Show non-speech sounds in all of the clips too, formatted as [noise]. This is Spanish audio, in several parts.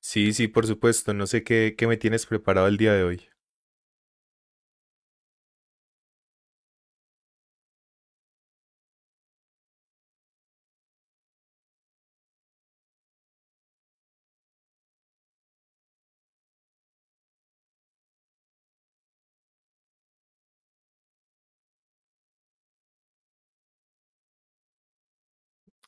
Sí, sí, por supuesto. No sé qué me tienes preparado el día de hoy.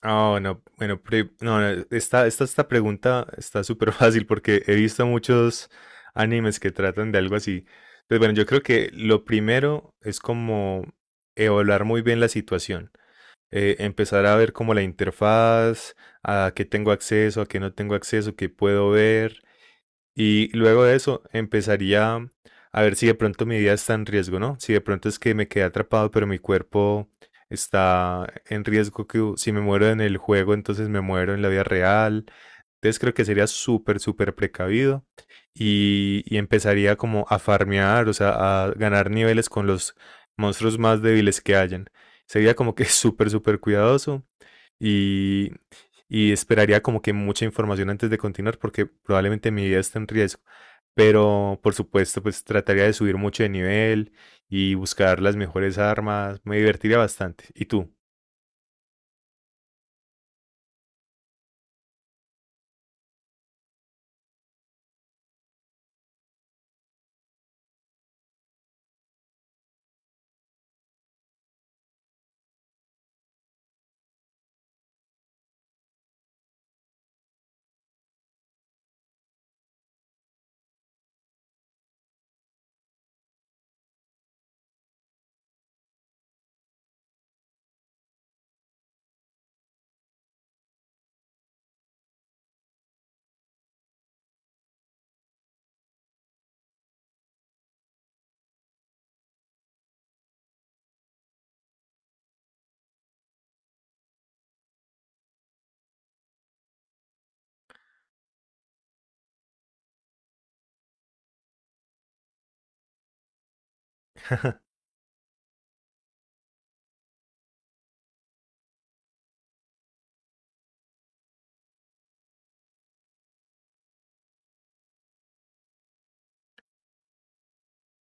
Ah, bueno, bueno, pre- no, no, Esta pregunta está súper [laughs] fácil porque he visto muchos animes que tratan de algo así. Entonces, bueno, yo creo que lo primero es como evaluar muy bien la situación. Empezar a ver como la interfaz, a qué tengo acceso, a qué no tengo acceso, qué puedo ver. Y luego de eso empezaría a ver si de pronto mi vida está en riesgo, ¿no? Si de pronto es que me quedé atrapado, pero mi cuerpo está en riesgo, que si me muero en el juego, entonces me muero en la vida real. Entonces creo que sería súper, súper precavido y, empezaría como a farmear, o sea, a ganar niveles con los monstruos más débiles que hayan. Sería como que [laughs] súper, súper cuidadoso y, esperaría como que mucha información antes de continuar porque probablemente mi vida está en riesgo. Pero por supuesto, pues trataría de subir mucho de nivel y buscar las mejores armas. Me divertiría bastante. ¿Y tú?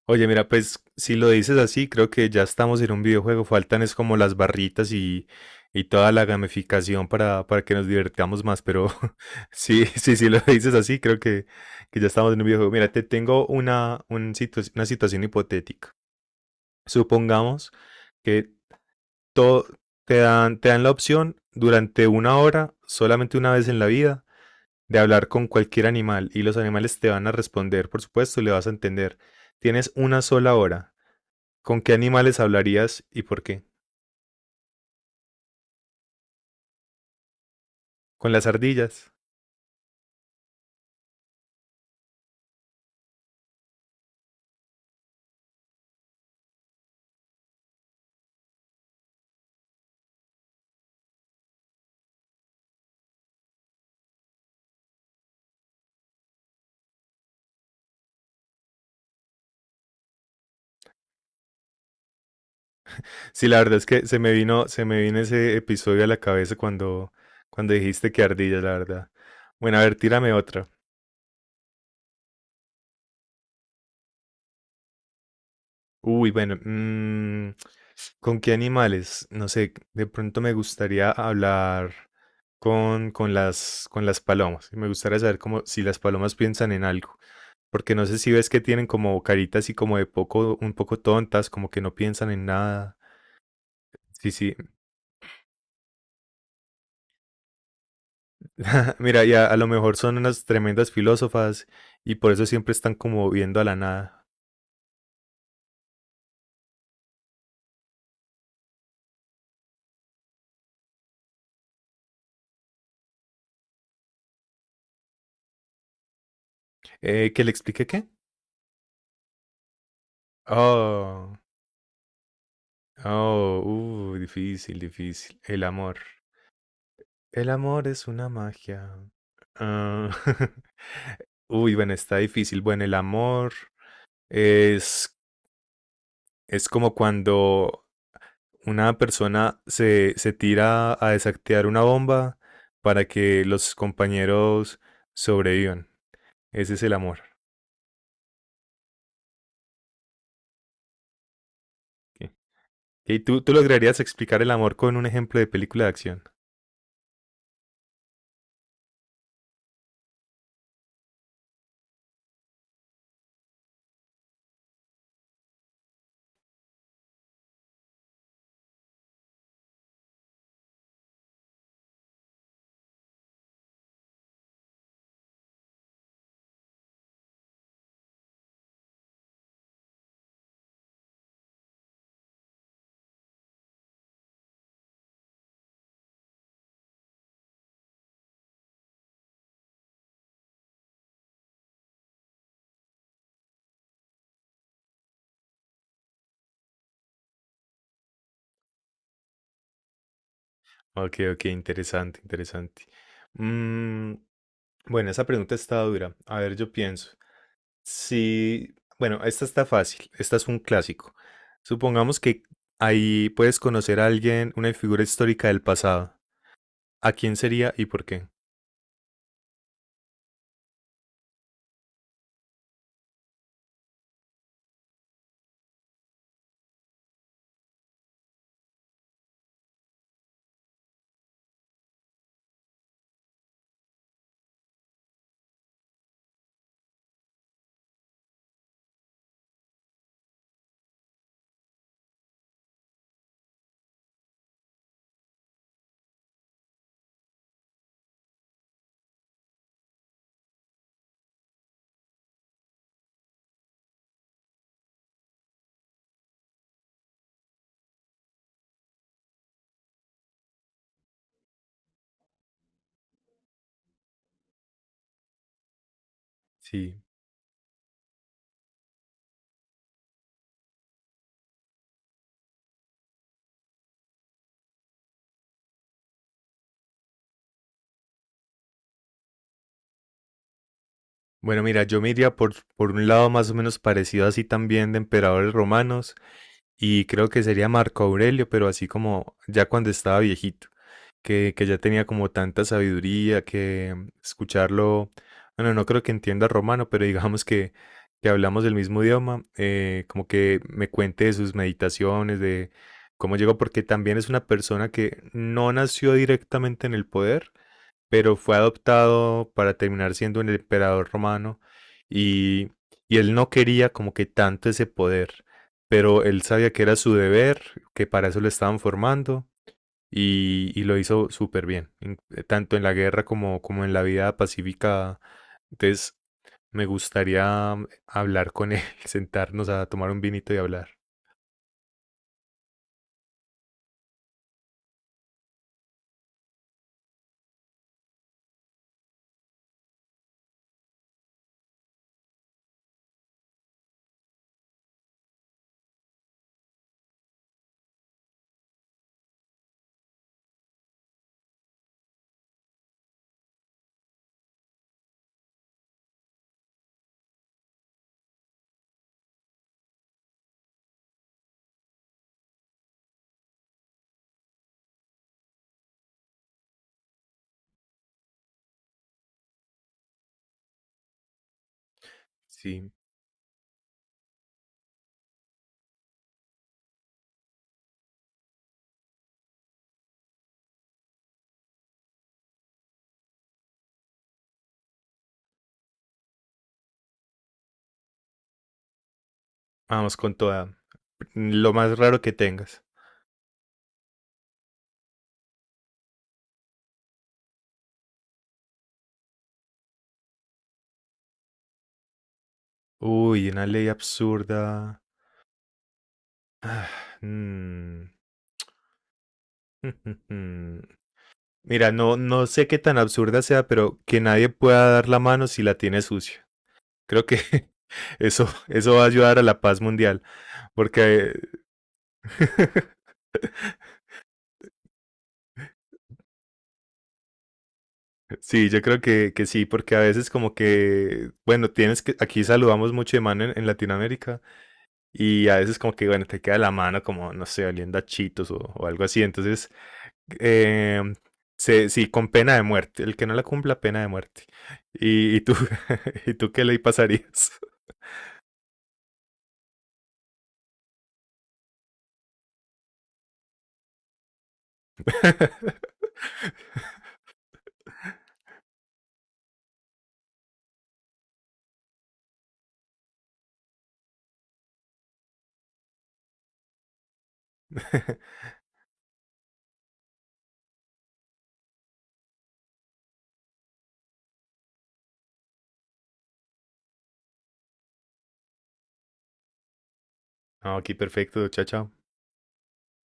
Oye, mira, pues si lo dices así, creo que ya estamos en un videojuego. Faltan es como las barritas y toda la gamificación para que nos divertamos más. Pero [laughs] sí, sí, sí lo dices así, creo que ya estamos en un videojuego. Mira, te tengo una situación hipotética. Supongamos que todo, te dan la opción durante una hora, solamente una vez en la vida, de hablar con cualquier animal y los animales te van a responder, por supuesto, le vas a entender. Tienes una sola hora. ¿Con qué animales hablarías y por qué? Con las ardillas. Sí, la verdad es que se me vino ese episodio a la cabeza cuando dijiste que ardillas, la verdad. Bueno, a ver, tírame otra. Uy, bueno, ¿con qué animales? No sé, de pronto me gustaría hablar con las palomas. Me gustaría saber cómo, si las palomas piensan en algo. Porque no sé si ves que tienen como caritas y como de poco, un poco tontas, como que no piensan en nada. Sí, sí. [laughs] Mira, ya a lo mejor son unas tremendas filósofas y por eso siempre están como viendo a la nada. ¿Que le explique qué? Oh, oh, Difícil, difícil. El amor. El amor es una magia. Ah, [laughs] uy, bueno, está difícil. Bueno, el amor es, es como cuando una persona se tira a desactivar una bomba para que los compañeros sobrevivan. Ese es el amor. Ok. ¿Y tú lograrías explicar el amor con un ejemplo de película de acción? Ok, ok, interesante, interesante. Mm, Bueno, esa pregunta está dura. A ver, yo pienso. Si, bueno, esta está fácil. Esta es un clásico. Supongamos que ahí puedes conocer a alguien, una figura histórica del pasado. ¿A quién sería y por qué? Sí. Bueno, mira, yo me iría por un lado más o menos parecido así también de emperadores romanos y creo que sería Marco Aurelio, pero así como ya cuando estaba viejito. Que ya tenía como tanta sabiduría que escucharlo, bueno, no creo que entienda romano, pero digamos que hablamos del mismo idioma, como que me cuente de sus meditaciones, de cómo llegó, porque también es una persona que no nació directamente en el poder, pero fue adoptado para terminar siendo el emperador romano y, él no quería como que tanto ese poder, pero él sabía que era su deber, que para eso lo estaban formando y, lo hizo súper bien, tanto en la guerra como en la vida pacífica. Entonces, me gustaría hablar con él, [laughs] sentarnos a tomar un vinito y hablar. Sí, vamos con toda. Lo más raro que tengas. Uy, una ley absurda. Mm, [laughs] Mira, no sé qué tan absurda sea, pero que nadie pueda dar la mano si la tiene sucia. Creo que [laughs] eso va a ayudar a la paz mundial, porque [laughs] sí, yo creo que sí, porque a veces como que, bueno, tienes que, aquí saludamos mucho de mano en Latinoamérica y a veces como que, bueno, te queda la mano como, no sé, oliendo a chitos o algo así, entonces, eh, sí, con pena de muerte, el que no la cumpla, pena de muerte. ¿Y, tú, [laughs] y tú qué ley pasarías? [laughs] No, aquí perfecto, chao, chao.